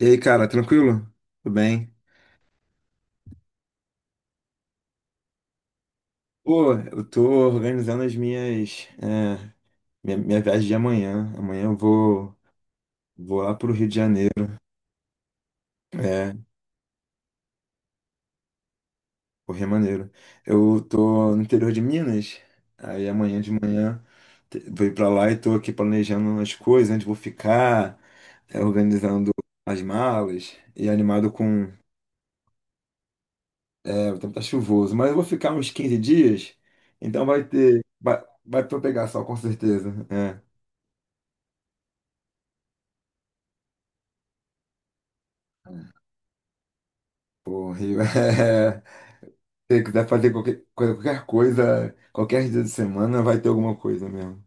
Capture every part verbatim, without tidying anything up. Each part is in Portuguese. E aí, cara, tranquilo? Tudo bem? Pô, eu tô organizando as minhas, é, minha, minha viagem de amanhã. Amanhã eu vou, vou lá pro Rio de Janeiro. É, pro Rio de Janeiro. Eu tô no interior de Minas. Aí amanhã de manhã te- vou ir pra lá e tô aqui planejando as coisas, onde vou ficar, é, organizando as malas e animado com. É, o tempo tá chuvoso, mas eu vou ficar uns quinze dias, então vai ter. Vai, vai pra eu pegar sol, com certeza. É. Pô, Rio. é... Se quiser fazer qualquer coisa, qualquer coisa, qualquer dia de semana vai ter alguma coisa mesmo.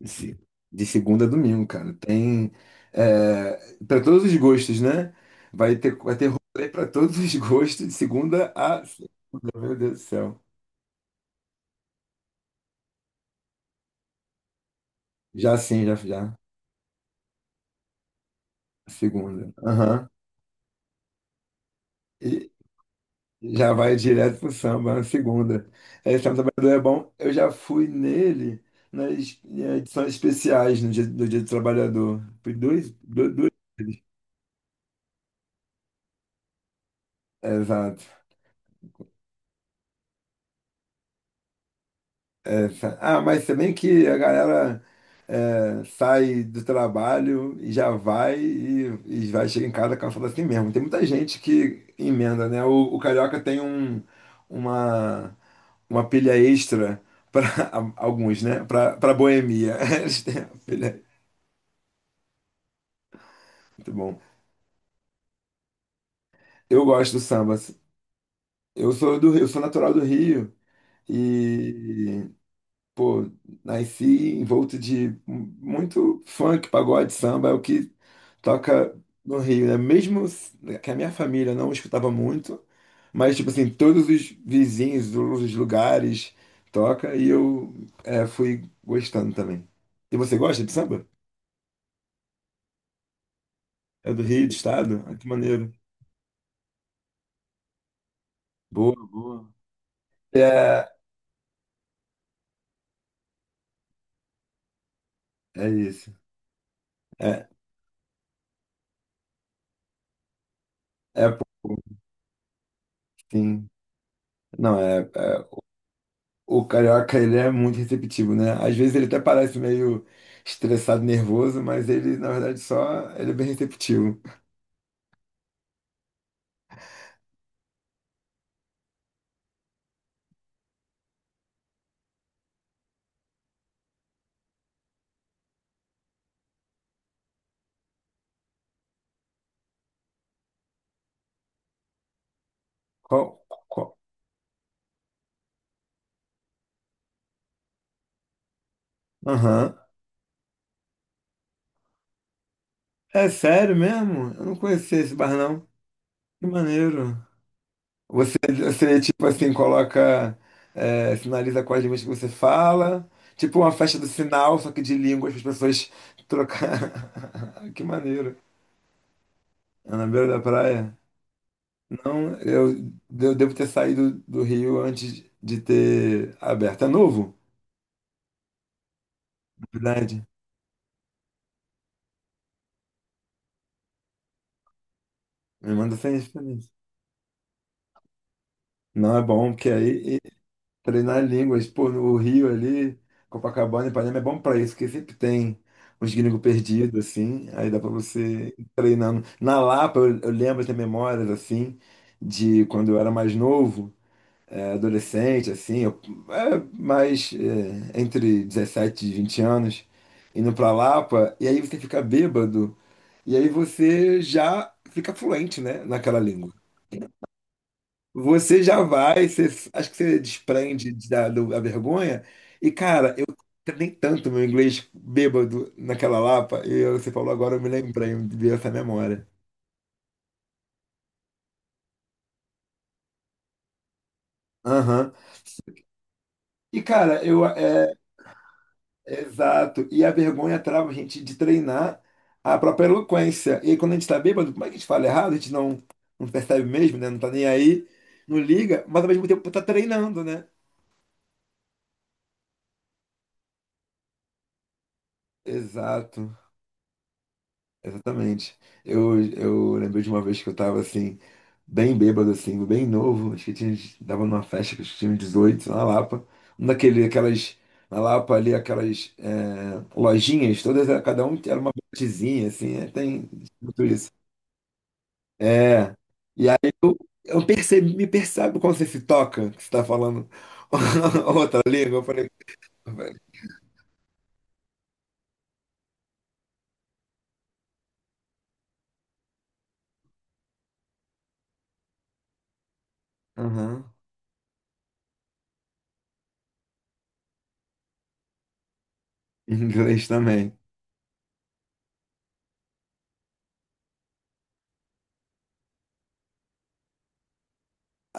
De, se- de segunda a domingo, cara. Tem é... para todos os gostos, né? Vai ter, vai ter rolê para todos os gostos, de segunda a segunda. Meu Deus do céu. Já sim, já, já. Segunda. Aham. Já vai direto pro samba, na segunda. É, Samba Trabalhador é bom. Eu já fui nele nas eh, edições especiais no dia, do Dia do Trabalhador. Fui dois, do- duas vezes. Exato. Essa. Ah, mas também que a galera é, sai do trabalho e já vai e, e vai chegar em casa cansado assim mesmo. Tem muita gente que emenda, né? O, o carioca tem um, uma uma pilha extra para alguns, né? Para para boemia. Eles têm uma pilha. Muito bom. Eu gosto do samba. Eu sou do Rio, eu sou natural do Rio e pô, nasci envolto de muito funk, pagode, samba, é o que toca no Rio, né? Mesmo que a minha família não escutava muito, mas tipo assim, todos os vizinhos, todos os lugares toca e eu é, fui gostando também. E você gosta de samba? É do Rio, do estado? Ah, que maneiro. Boa, boa. É, é isso. É, é pouco, sim. Não. é, é- O carioca, ele é muito receptivo, né? Às vezes ele até parece meio estressado, nervoso, mas ele, na verdade, só... Ele é bem receptivo. Qual? Qual? Aham. É sério mesmo? Eu não conhecia esse bar, não. Que maneiro. Você, você tipo assim, coloca, é, sinaliza quais línguas que você fala. Tipo uma festa do sinal, só que de línguas, para as pessoas trocar. Que maneiro. É na beira da praia? Não, eu, eu devo ter saído do Rio antes de ter aberto. É novo? Verdade. Me manda sem referência. Não é bom, porque aí. Treinar línguas, pô, no Rio ali, Copacabana, Ipanema é bom pra isso, porque sempre tem uns gringos perdidos, assim, aí dá pra você ir treinando. Na Lapa, eu, eu lembro de ter memórias, assim, de quando eu era mais novo, eh, adolescente, assim, eu, é, mais eh, entre dezessete e vinte anos, indo pra Lapa, e aí você fica bêbado, e aí você já fica fluente, né, naquela língua. Você já vai, você, acho que você desprende da, do- da vergonha. E, cara, eu nem tanto meu inglês bêbado naquela Lapa, e eu- você falou agora, eu me lembrei, me veio essa memória. Aham. E, cara, eu. É, é exato. E a vergonha trava a gente de treinar a própria eloquência. E aí, quando a gente tá bêbado, como é que a gente fala errado? A gente não, não percebe mesmo, né? Não tá nem aí, não liga, mas ao mesmo tempo tá treinando, né? Exato. Exatamente. Eu, eu lembrei de uma vez que eu tava assim, bem bêbado, assim, bem novo. Acho que tinha, tava numa festa que eu tinha dezoito na Lapa. Um daquele, aquelas, na Lapa ali, aquelas é, lojinhas, todas, cada um era uma botezinha, assim, é, tem tudo isso. É. E aí eu percebi, me percebe quando você se toca, que você tá falando outra língua. Eu falei, velho. Aham. Em inglês também.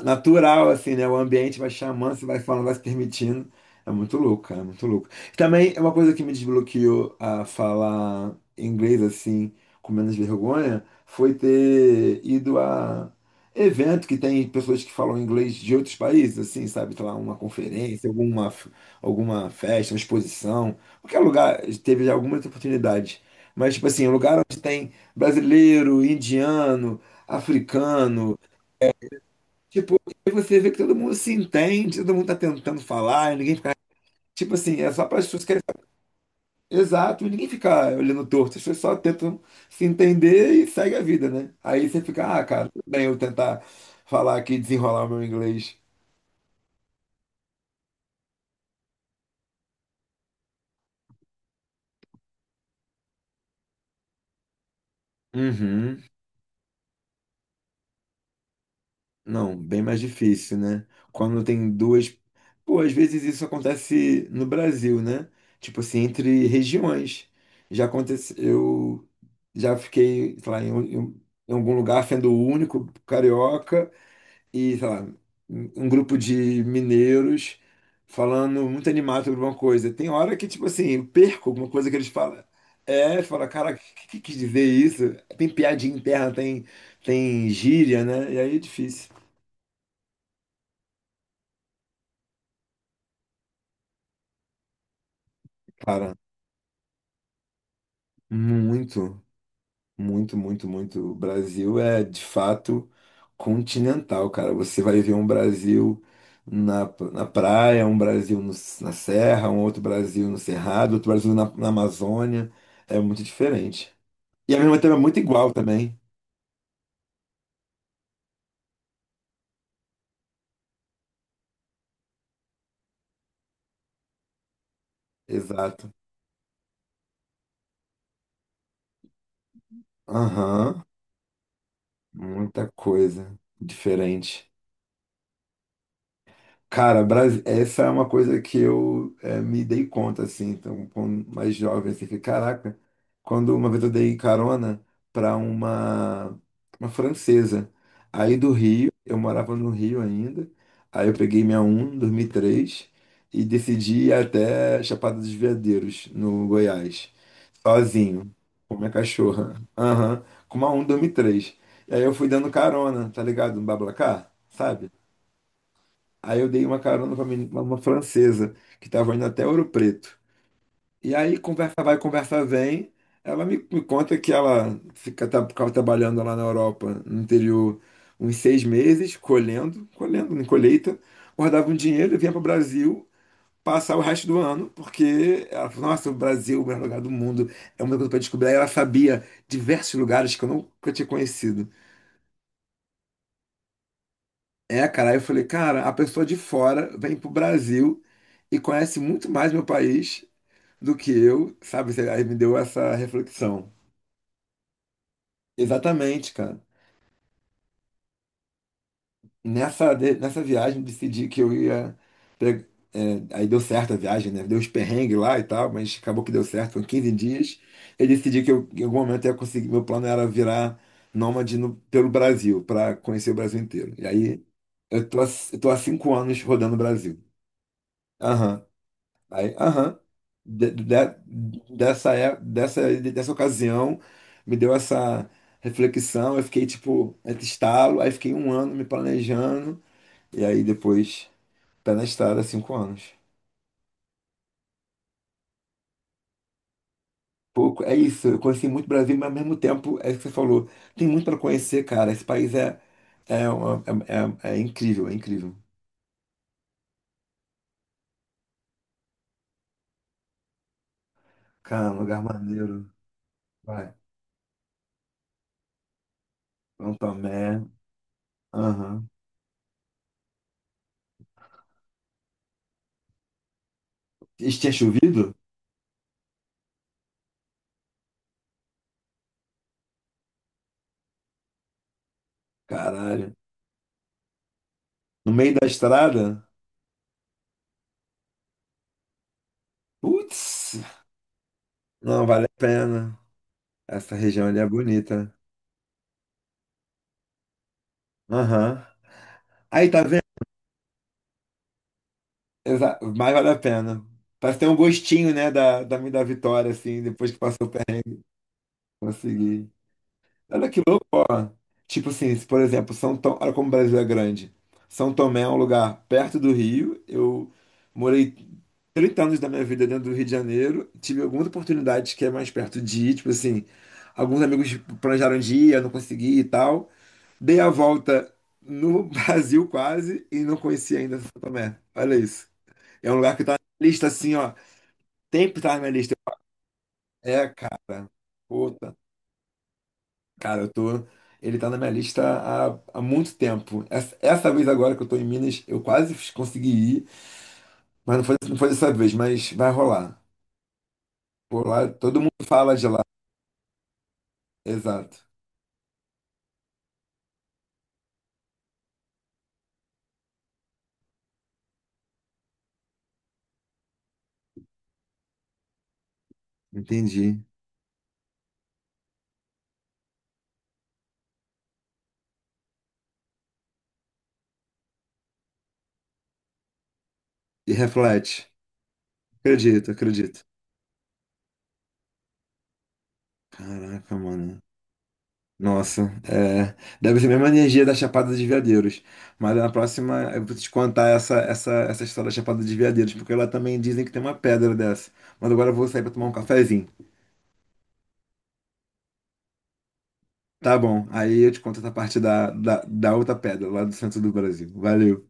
Natural, assim, né? O ambiente vai chamando, você vai falando, vai se permitindo. É muito louco, cara, é muito louco. Também é uma coisa que me desbloqueou a falar inglês, assim, com menos vergonha, foi ter ido a evento que tem pessoas que falam inglês de outros países, assim, sabe? Sei lá, uma conferência, alguma, f- alguma festa, uma exposição, qualquer lugar, teve já algumas oportunidades. Mas, tipo assim, um lugar onde tem brasileiro, indiano, africano, tipo, e você vê que todo mundo se entende, todo mundo tá tentando falar, e ninguém fica. Tipo assim, é só para as pessoas que querem saber. Exato, e ninguém fica olhando torto, as pessoas só tentam se entender e segue a vida, né? Aí você fica, ah, cara, tudo bem eu tentar falar aqui, desenrolar o meu inglês. Uhum. Não, bem mais difícil, né? Quando tem duas. Pô, às vezes isso acontece no Brasil, né? Tipo assim, entre regiões. Já aconteceu. Eu já fiquei, sei lá, em, um- em um- em algum lugar sendo o único carioca e, sei lá, um um grupo de mineiros falando muito animado sobre alguma coisa. Tem hora que, tipo assim, eu perco alguma coisa que eles falam. É, fala, cara, o que, que quis dizer isso? Tem piadinha interna, tem, tem gíria, né? E aí é difícil. Cara, muito, muito, muito, muito. O Brasil é de fato continental, cara. Você vai ver um Brasil na, na praia, um Brasil no- na serra, um outro Brasil no Cerrado, outro Brasil na, na Amazônia. É muito diferente. E ao mesmo tempo é muito igual também. Exato. Aham. Muita coisa diferente. Cara, Bras- essa é uma coisa que eu eh, me dei conta, assim, então, quando mais jovem, assim, que, caraca, quando uma vez eu dei carona para uma, uma francesa, aí do Rio, eu morava no Rio ainda, aí eu peguei minha um em dois mil e três e três e decidi ir até Chapada dos Veadeiros, no Goiás, sozinho, com minha cachorra, aham, com uma um em dois mil e três. E três. E aí eu fui dando carona, tá ligado, no BlaBlaCar, sabe? Aí eu dei uma carona pra meni- uma uma francesa que tava indo até Ouro Preto. E aí conversa vai, conversa vem. Ela me, me conta que ela fica, tá, ficava trabalhando lá na Europa, no interior, uns seis meses, colhendo, colhendo, em colheita, guardava um dinheiro e vinha para o Brasil passar o resto do ano, porque ela falou, nossa, o Brasil é o melhor lugar do mundo, é uma coisa para descobrir. Aí ela sabia diversos lugares que eu nunca tinha conhecido. É, cara, aí eu falei, cara, a pessoa de fora vem pro Brasil e conhece muito mais meu país do que eu, sabe? Aí me deu essa reflexão. Exatamente, cara. Nessa, de- nessa viagem decidi que eu ia. pe- é, Aí deu certo a viagem, né? Deu os perrengues lá e tal, mas acabou que deu certo, foram quinze dias. Eu decidi que eu, em algum momento eu ia conseguir. Meu plano era virar nômade no- pelo Brasil, para conhecer o Brasil inteiro. E aí eu tô, há- eu tô há cinco anos rodando o Brasil. Aham. Aí, aham, de- de- dessa, é- dessa, dessa ocasião, me deu essa reflexão, eu fiquei tipo, entre estalo, aí fiquei um ano me planejando, e aí depois, pé na estrada, cinco anos. Pouco, é isso, eu conheci muito Brasil, mas ao mesmo tempo, é isso que você falou, tem muito para conhecer, cara, esse país é, é, uma- é, é- é incrível, é incrível. Cara, um lugar maneiro, vai, São Tomé, aham. E tinha chovido? Caralho. No meio da estrada? Putz, não vale a pena. Essa região ali é bonita. Aham. Aí, tá vendo? Exa Mas vale a pena. Parece ter um gostinho, né, da, da, da vitória, assim, depois que passou o perrengue, conseguir. Olha que louco, ó. Tipo assim, se, por exemplo, São Tomé, olha como o Brasil é grande. São Tomé é um lugar perto do Rio. Eu morei trinta anos da minha vida dentro do Rio de Janeiro. Tive algumas oportunidades que é mais perto de ir, tipo assim, alguns amigos planejaram de ir, eu não consegui e tal. Dei a volta no Brasil quase e não conheci ainda São Tomé. Olha isso. É um lugar que tá na lista assim, ó. Tem que tá na minha lista. É, cara. Puta. Cara, eu tô. Ele tá na minha lista há, há muito tempo. Essa, essa vez agora que eu tô em Minas, eu quase consegui ir, mas não foi, não foi dessa vez, mas vai rolar. Por lá, todo mundo fala de lá. Exato. Entendi. E reflete. Acredito, acredito. Caraca, mano. Nossa, é, deve ser a mesma energia da Chapada dos Veadeiros. Mas na próxima eu vou te contar essa, essa, essa história da Chapada dos Veadeiros, porque lá também dizem que tem uma pedra dessa. Mas agora eu vou sair para tomar um cafezinho. Tá bom, aí eu te conto essa parte da, da, da outra pedra lá do centro do Brasil. Valeu.